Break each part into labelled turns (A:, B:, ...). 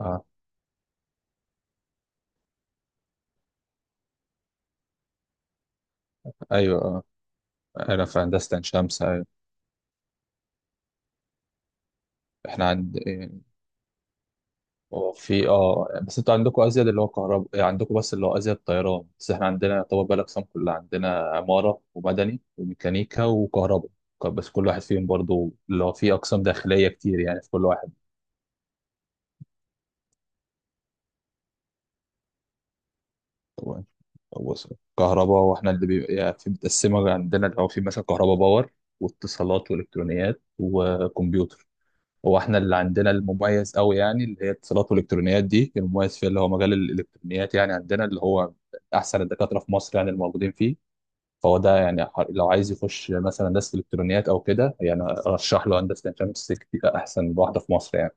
A: اه ايوه اه انا في هندسه عين شمس، ايوه. احنا عند هو في بس انتوا عندكم ازيد اللي هو كهرباء، عندكم بس اللي هو ازيد طيران، بس احنا عندنا يعتبر بقى الاقسام كلها عندنا: عماره ومدني وميكانيكا وكهرباء. بس كل واحد فيهم برضو اللي هو في اقسام داخليه كتير يعني في كل واحد. هو- هو كهرباء واحنا اللي بيبقى يعني في متقسمه عندنا اللي هو في مثلا كهرباء باور واتصالات والكترونيات وكمبيوتر. هو احنا اللي عندنا المميز قوي يعني اللي هي اتصالات والالكترونيات دي المميز فيها اللي هو مجال الالكترونيات، يعني عندنا اللي هو احسن الدكاتره في مصر يعني الموجودين فيه. فهو ده يعني لو عايز يخش مثلا هندسه الكترونيات او كده، يعني ارشح له هندسه الشمس، كتير احسن واحده في مصر يعني.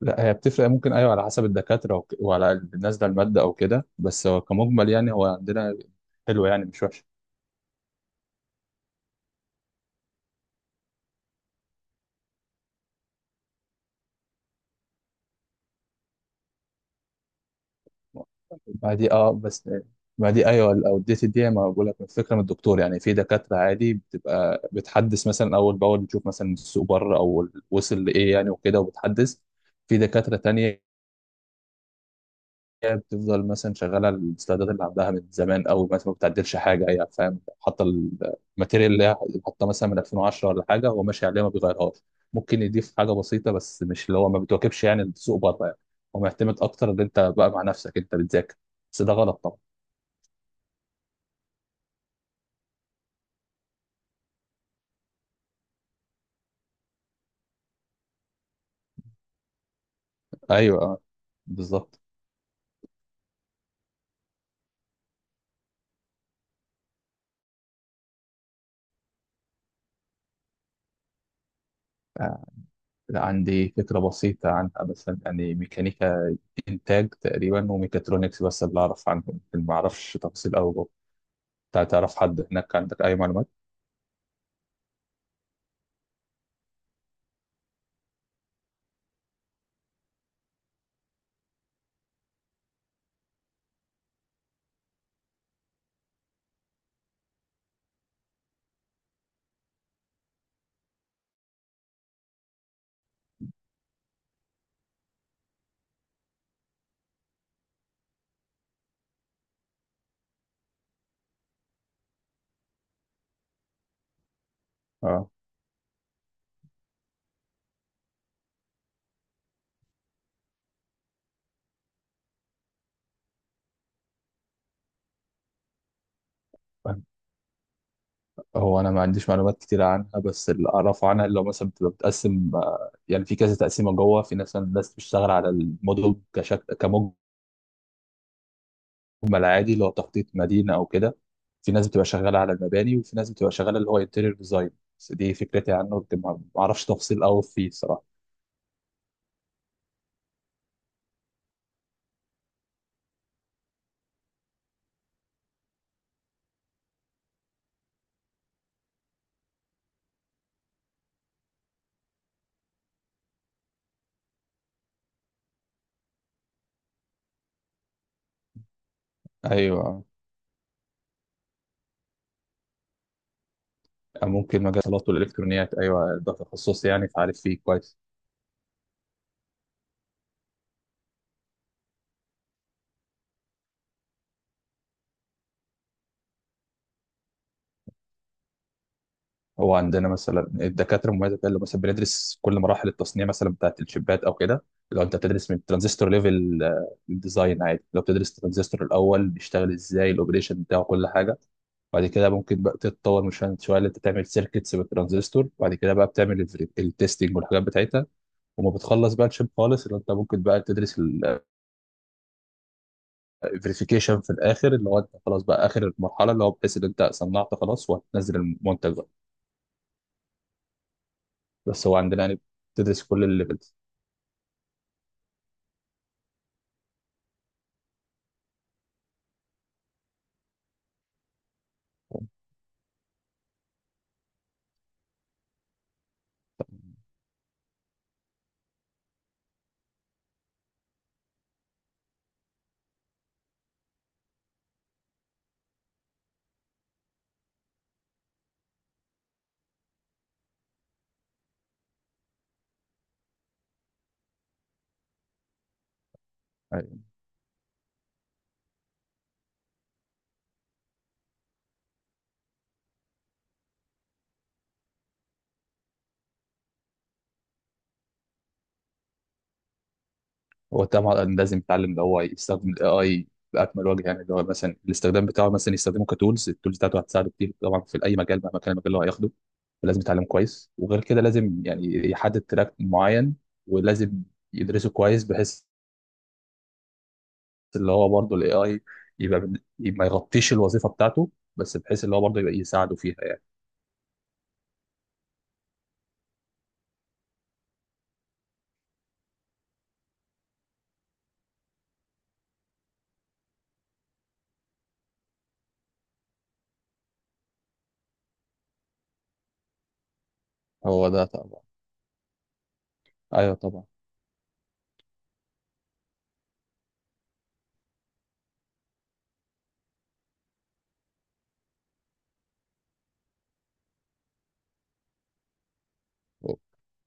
A: لا، هي بتفرق، ممكن ايوه على حسب الدكاتره وعلى نازله الماده او كده، بس هو كمجمل يعني هو عندنا حلو يعني، مش وحش. ما دي بس، ما دي ايوه الاوديت دي، ما بقول لك الفكره من الدكتور يعني، في دكاتره عادي بتبقى بتحدث مثلا اول باول، بتشوف مثلا السوق بره او وصل لايه يعني وكده وبتحدث. في دكاتره تانية بتفضل مثلا شغاله السلايدات اللي عندها من زمان، او مثلا ما بتعدلش حاجه هي يعني، فاهم، حاطه الماتيريال اللي هي حاطه مثلا من 2010 ولا حاجه، هو ماشي عليها ما بيغيرهاش. ممكن يضيف حاجه بسيطه، بس مش اللي هو ما بتواكبش يعني السوق بره يعني. هو معتمد اكتر ان انت بقى مع نفسك انت بتذاكر، بس ده غلط طبعا. ايوه، بالظبط. آه، عندي فكره بسيطه عنها، مثلا يعني ميكانيكا انتاج تقريبا وميكاترونكس، بس اللي اعرف عنهم، ما اعرفش تفاصيل قوي جوه. تعرف حد هناك؟ عندك اي معلومات؟ اه. هو انا ما عنديش معلومات كتير عنها، بس اللي اعرفه عنها اللي هو مثلا بتبقى بتقسم، يعني في كذا تقسيمه جوه، في ناس بتشتغل على الموديل كشكل كموج، هم العادي اللي هو تخطيط مدينه او كده، في ناس بتبقى شغاله على المباني، وفي ناس بتبقى شغاله اللي هو انتيريور ديزاين. بس دي فكرتي عنه، لكن ما اعرفش تفاصيل قوي فيه صراحه. ايوه، ممكن مجال الاتصالات والالكترونيات، ايوه ده تخصصي يعني فعارف فيه كويس. هو عندنا مثلا الدكاتره المميزه اللي مثلا بندرس كل مراحل التصنيع مثلا بتاعت الشيبات او كده. لو انت بتدرس من ترانزستور ليفل الديزاين عادي، لو بتدرس الترانزستور الاول بيشتغل ازاي، الاوبريشن بتاعه، كل حاجه. بعد كده ممكن بقى تتطور من شويه شوية اللي انت تعمل سيركتس بالترانزستور، وبعد كده بقى بتعمل التستنج والحاجات بتاعتها. وما بتخلص بقى الشيب خالص، اللي انت ممكن بقى تدرس الفيريفيكيشن في الاخر، اللي هو انت خلاص بقى اخر المرحله اللي هو بحيث ان انت صنعت خلاص، وهتنزل المنتج بقى. بس هو عندنا يعني بتدرس كل الليفلز. هو طبعا لازم يتعلم اللي هو يستخدم الاي اي باكمل وجه، يعني اللي هو مثلا الاستخدام بتاعه، مثلا يستخدمه كتولز، التولز بتاعته هتساعده كتير طبعا في اي مجال مهما كان المجال اللي هو هياخده. فلازم يتعلم كويس. وغير كده لازم يعني يحدد تراك معين، ولازم يدرسه كويس، بحيث اللي هو برضه الاي اي يبقى ما يغطيش الوظيفه بتاعته، بس بحيث اللي هو برضه يبقى يساعده فيها يعني. هو ده طبعا. ايوه طبعا.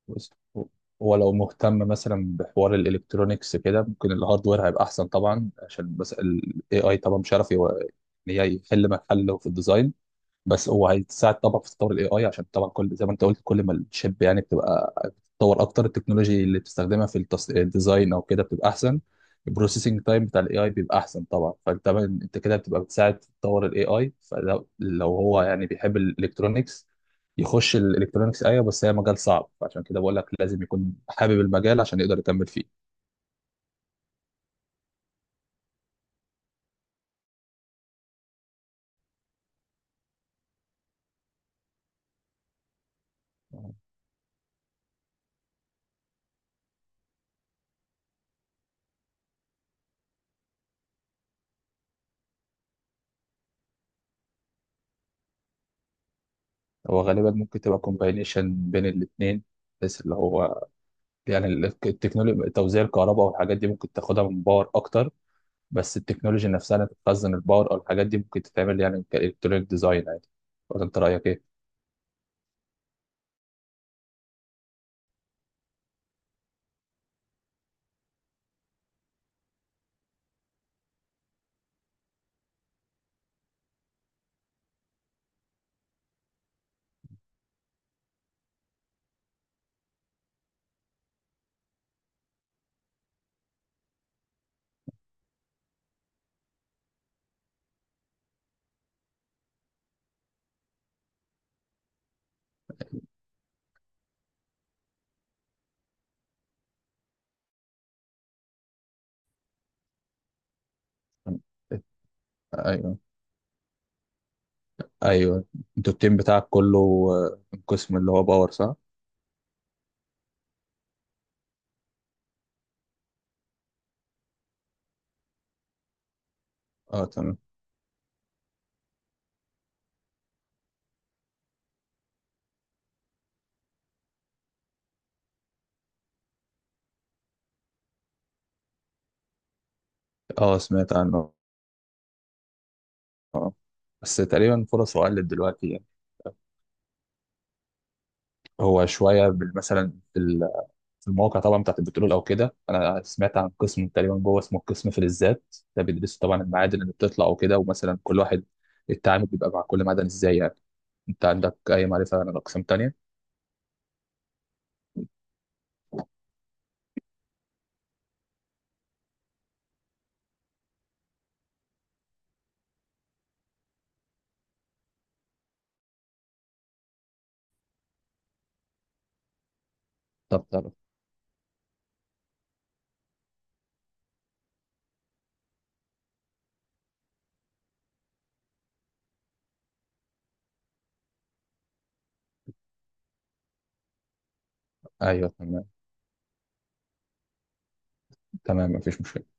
A: بس هو هو لو مهتم مثلا بحوار الالكترونيكس كده، ممكن الهاردوير هيبقى احسن طبعا، عشان بس الاي اي طبعا مش عارف ان هي يحل محله في الديزاين. بس هو هيساعد طبعا في تطور الاي اي، عشان طبعا كل زي ما انت قلت، كل ما الشيب يعني بتبقى بتتطور اكتر، التكنولوجي اللي بتستخدمها في الديزاين او كده بتبقى احسن، البروسيسنج تايم بتاع الاي اي بيبقى احسن طبعا. انت كده بتبقى بتساعد في تطور الاي اي. فلو هو يعني بيحب الالكترونكس يخش الالكترونكس، ايوه، بس هي مجال صعب، فعشان كده بقول لك لازم يكون حابب المجال عشان يقدر يكمل فيه. هو غالبا ممكن تبقى كومباينيشن بين الاثنين، بس اللي هو يعني التكنولوجيا توزيع الكهرباء والحاجات دي ممكن تاخدها من باور اكتر، بس التكنولوجيا نفسها اللي تخزن الباور او الحاجات دي ممكن تتعمل يعني كالكترونيك ديزاين عادي. ولا انت رايك ايه؟ ايوه. ايوه، انتوا التيم بتاعك كله، آه، قسم اللي هو باور صح؟ اه تمام. اه سمعت عنه. اه، بس تقريبا فرصه قلت دلوقتي يعني. هو شويه مثلا المواقع طبعا بتاعت البترول او كده، انا سمعت عن قسم تقريبا جوه اسمه القسم فلزات، ده بيدرسوا طبعا المعادن اللي بتطلع وكده، ومثلا كل واحد التعامل بيبقى مع كل معدن ازاي يعني. انت عندك اي معرفه عن الاقسام التانيه؟ طب. ايوه تمام. تمام، مفيش مشكله.